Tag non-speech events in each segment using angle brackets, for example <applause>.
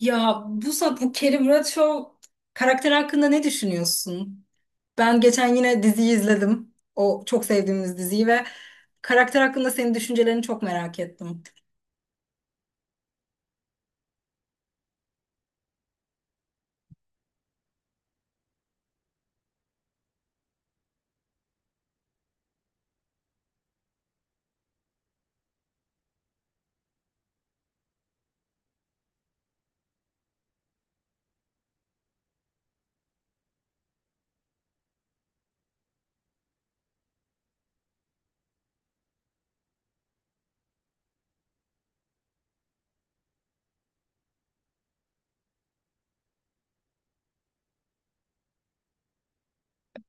Ya Buse, bu Carrie Bradshaw karakter hakkında ne düşünüyorsun? Ben geçen yine diziyi izledim. O çok sevdiğimiz diziyi ve karakter hakkında senin düşüncelerini çok merak ettim.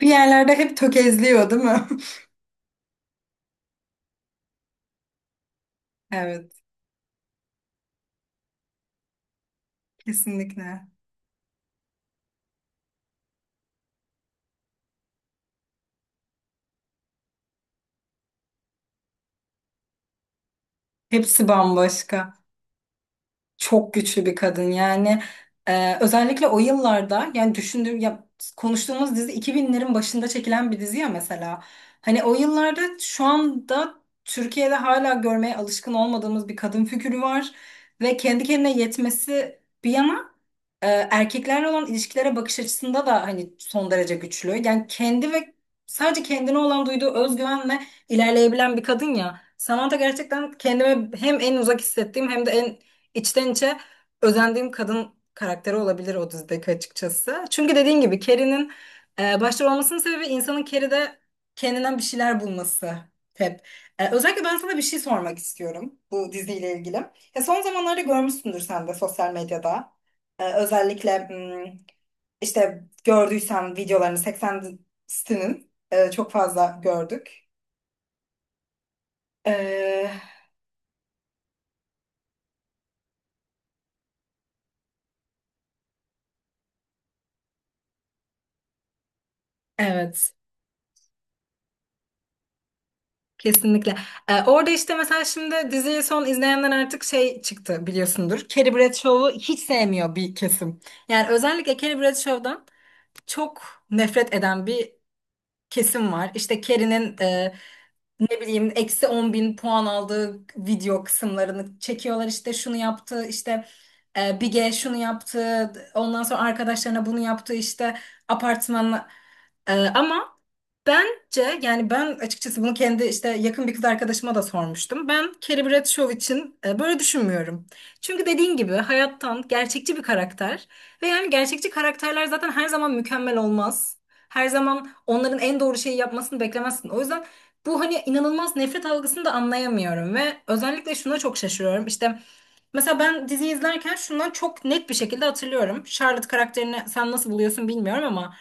Bir yerlerde hep tökezliyor, değil mi? <laughs> Evet, kesinlikle. Hepsi bambaşka. Çok güçlü bir kadın yani. Özellikle o yıllarda yani düşündüğüm ya, konuştuğumuz dizi 2000'lerin başında çekilen bir dizi ya mesela. Hani o yıllarda şu anda Türkiye'de hala görmeye alışkın olmadığımız bir kadın figürü var ve kendi kendine yetmesi bir yana erkeklerle olan ilişkilere bakış açısında da hani son derece güçlü. Yani kendi ve sadece kendine olan duyduğu özgüvenle ilerleyebilen bir kadın ya. Samantha gerçekten kendime hem en uzak hissettiğim hem de en içten içe özendiğim kadın karakteri olabilir o dizideki açıkçası. Çünkü dediğin gibi Carrie'nin başrol olmasının sebebi insanın Carrie'de kendinden bir şeyler bulması hep. Özellikle ben sana bir şey sormak istiyorum bu diziyle ilgili. Ya son zamanlarda görmüşsündür sen de sosyal medyada. Özellikle işte gördüysem videolarını 80'sinin çok fazla gördük. Ee, Evet, kesinlikle. Orada işte mesela şimdi diziyi son izleyenler artık şey çıktı biliyorsundur. Carrie Bradshaw'u hiç sevmiyor bir kesim. Yani özellikle Carrie Bradshaw'dan çok nefret eden bir kesim var. İşte Carrie'nin ne bileyim eksi 10.000 puan aldığı video kısımlarını çekiyorlar. İşte şunu yaptı, işte Bige şunu yaptı, ondan sonra arkadaşlarına bunu yaptı, işte apartmanla. Ama bence yani ben açıkçası bunu kendi işte yakın bir kız arkadaşıma da sormuştum. Ben Carrie Bradshaw için böyle düşünmüyorum. Çünkü dediğin gibi hayattan gerçekçi bir karakter ve yani gerçekçi karakterler zaten her zaman mükemmel olmaz. Her zaman onların en doğru şeyi yapmasını beklemezsin. O yüzden bu hani inanılmaz nefret algısını da anlayamıyorum ve özellikle şuna çok şaşırıyorum. İşte mesela ben dizi izlerken şundan çok net bir şekilde hatırlıyorum. Charlotte karakterini sen nasıl buluyorsun bilmiyorum ama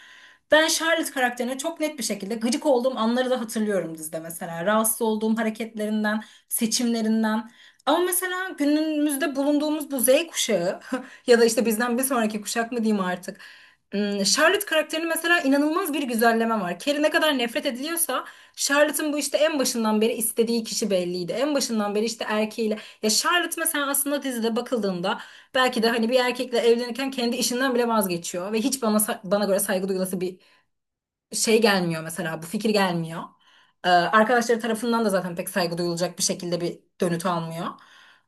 ben Charlotte karakterine çok net bir şekilde gıcık olduğum anları da hatırlıyorum dizide mesela. Rahatsız olduğum hareketlerinden, seçimlerinden. Ama mesela günümüzde bulunduğumuz bu Z kuşağı <laughs> ya da işte bizden bir sonraki kuşak mı diyeyim artık. Charlotte karakterinin mesela inanılmaz bir güzelleme var. Carrie ne kadar nefret ediliyorsa Charlotte'ın bu işte en başından beri istediği kişi belliydi. En başından beri işte erkeğiyle. Ya Charlotte mesela aslında dizide bakıldığında belki de hani bir erkekle evlenirken kendi işinden bile vazgeçiyor ve hiç bana göre saygı duyulası bir şey gelmiyor mesela, bu fikir gelmiyor. Arkadaşları tarafından da zaten pek saygı duyulacak bir şekilde bir dönüt almıyor.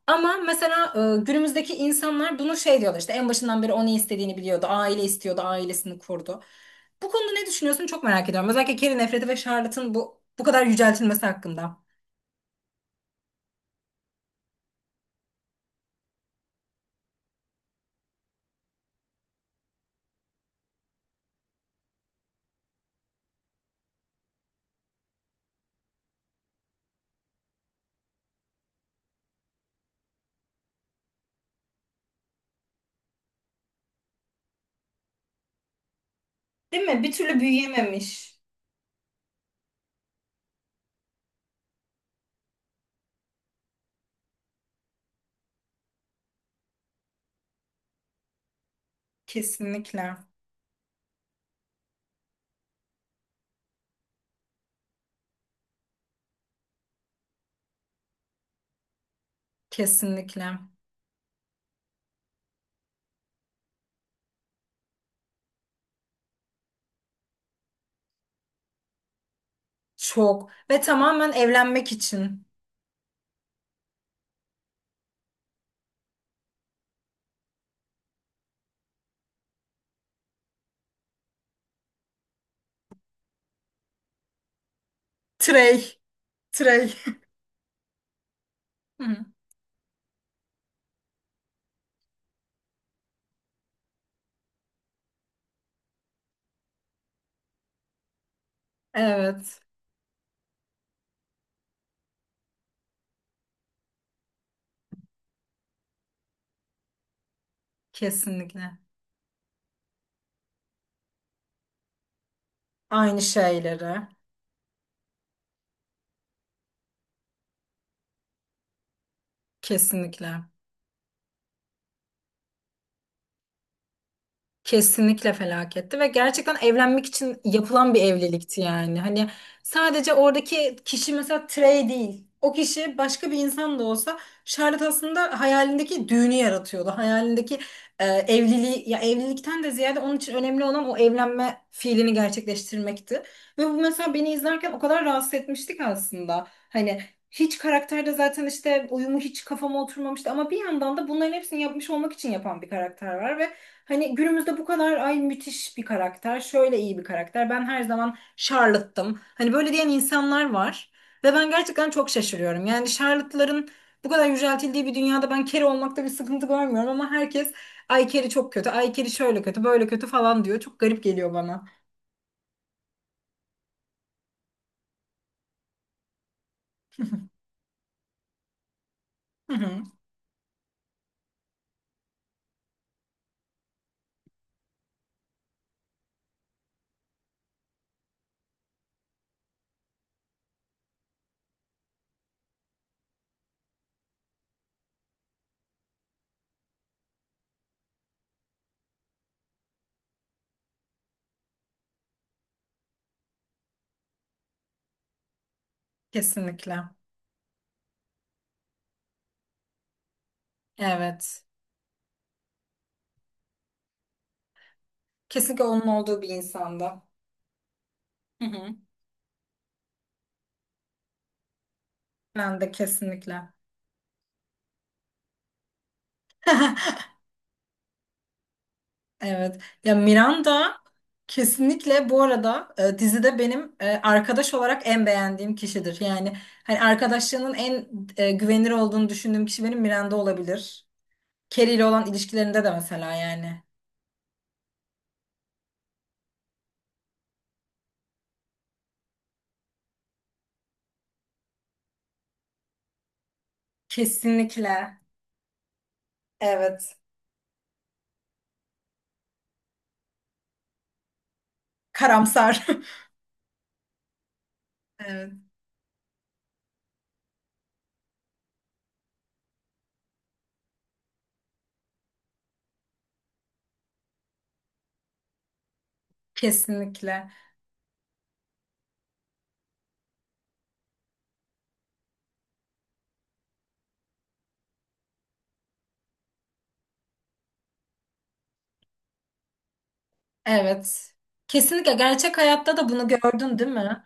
Ama mesela günümüzdeki insanlar bunu şey diyorlar, işte en başından beri o ne istediğini biliyordu. Aile istiyordu, ailesini kurdu. Bu konuda ne düşünüyorsun çok merak ediyorum. Özellikle Carrie nefreti ve Charlotte'ın bu kadar yüceltilmesi hakkında. Değil mi? Bir türlü büyüyememiş. Kesinlikle. Kesinlikle. Çok. Ve tamamen evlenmek için. Trey. Trey. <laughs> Hı. Evet. Kesinlikle. Aynı şeyleri. Kesinlikle. Kesinlikle felaketti ve gerçekten evlenmek için yapılan bir evlilikti yani. Hani sadece oradaki kişi mesela Trey değil. O kişi başka bir insan da olsa Charlotte aslında hayalindeki düğünü yaratıyordu. Hayalindeki evliliği, ya evlilikten de ziyade onun için önemli olan o evlenme fiilini gerçekleştirmekti. Ve bu mesela beni izlerken o kadar rahatsız etmiştik aslında. Hani hiç karakterde zaten işte uyumu hiç kafama oturmamıştı ama bir yandan da bunların hepsini yapmış olmak için yapan bir karakter var ve hani günümüzde bu kadar ay müthiş bir karakter, şöyle iyi bir karakter. Ben her zaman Charlotte'tım. Hani böyle diyen insanlar var ve ben gerçekten çok şaşırıyorum. Yani Charlotte'ların bu kadar yüceltildiği bir dünyada ben Carrie olmakta bir sıkıntı görmüyorum ama herkes ay Carrie çok kötü, ay Carrie şöyle kötü, böyle kötü falan diyor. Çok garip geliyor bana. Hı hı, kesinlikle. Evet. Kesinlikle onun olduğu bir insanda. Hı hı. Miranda kesinlikle. <laughs> Evet. Ya Miranda kesinlikle bu arada, dizide benim arkadaş olarak en beğendiğim kişidir. Yani hani arkadaşlığının en güvenilir olduğunu düşündüğüm kişi benim Miranda olabilir. Carrie ile olan ilişkilerinde de mesela yani. Kesinlikle. Evet. Karamsar. <laughs> Evet. Kesinlikle. Evet. Kesinlikle gerçek hayatta da bunu gördün değil mi?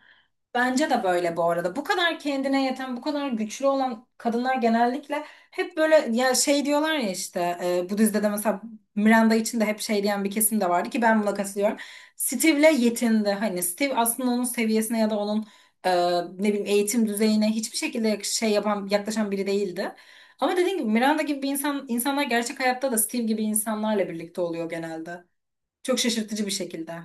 Bence de böyle bu arada. Bu kadar kendine yeten, bu kadar güçlü olan kadınlar genellikle hep böyle ya şey diyorlar ya, işte bu dizide de mesela Miranda için de hep şey diyen bir kesim de vardı ki ben buna katılıyorum. Steve'le yetindi. Hani Steve aslında onun seviyesine ya da onun e, ne bileyim eğitim düzeyine hiçbir şekilde yaklaşan biri değildi. Ama dediğim gibi Miranda gibi bir insan, insanlar gerçek hayatta da Steve gibi insanlarla birlikte oluyor genelde. Çok şaşırtıcı bir şekilde.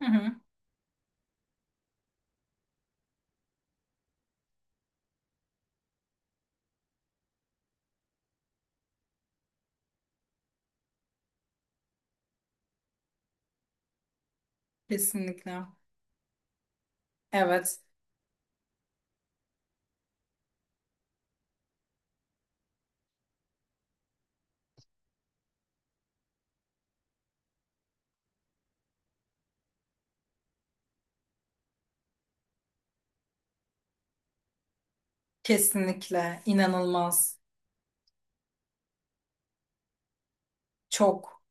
Hı hı. Kesinlikle. Evet. Kesinlikle. İnanılmaz. Çok.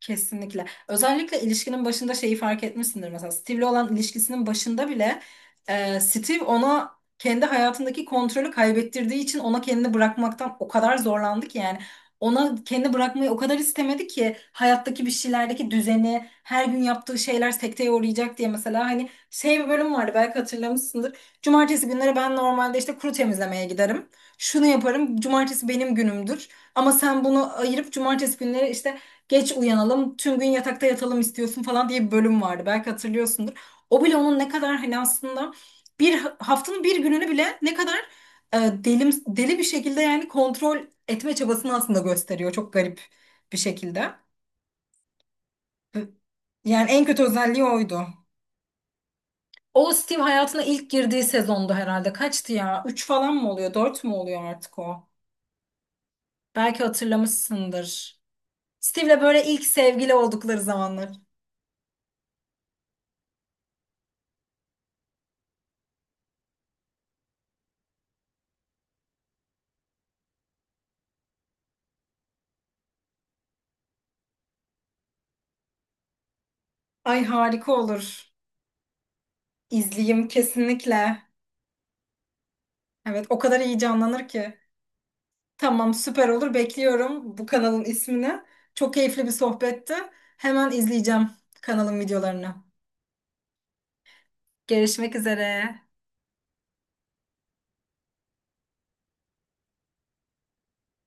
Kesinlikle. Özellikle ilişkinin başında şeyi fark etmişsindir. Mesela Steve'le olan ilişkisinin başında bile Steve ona kendi hayatındaki kontrolü kaybettirdiği için ona kendini bırakmaktan o kadar zorlandı ki yani ona kendini bırakmayı o kadar istemedi ki hayattaki bir şeylerdeki düzeni, her gün yaptığı şeyler sekteye uğrayacak diye mesela, hani şey, bir bölüm vardı belki hatırlamışsındır. Cumartesi günleri ben normalde işte kuru temizlemeye giderim. Şunu yaparım. Cumartesi benim günümdür. Ama sen bunu ayırıp cumartesi günleri işte geç uyanalım, tüm gün yatakta yatalım istiyorsun falan diye bir bölüm vardı. Belki hatırlıyorsundur. O bile onun ne kadar hani aslında bir haftanın bir gününü bile ne kadar e, deli bir şekilde yani kontrol etme çabasını aslında gösteriyor. Çok garip bir şekilde. Yani en kötü özelliği oydu. O Steve hayatına ilk girdiği sezondu herhalde. Kaçtı ya? 3 falan mı oluyor? 4 mü oluyor artık o? Belki hatırlamışsındır. Steve'le böyle ilk sevgili oldukları zamanlar. Ay harika olur. İzleyeyim kesinlikle. Evet, o kadar iyi canlanır ki. Tamam, süper olur. Bekliyorum bu kanalın ismini. Çok keyifli bir sohbetti. Hemen izleyeceğim kanalın videolarını. Görüşmek üzere.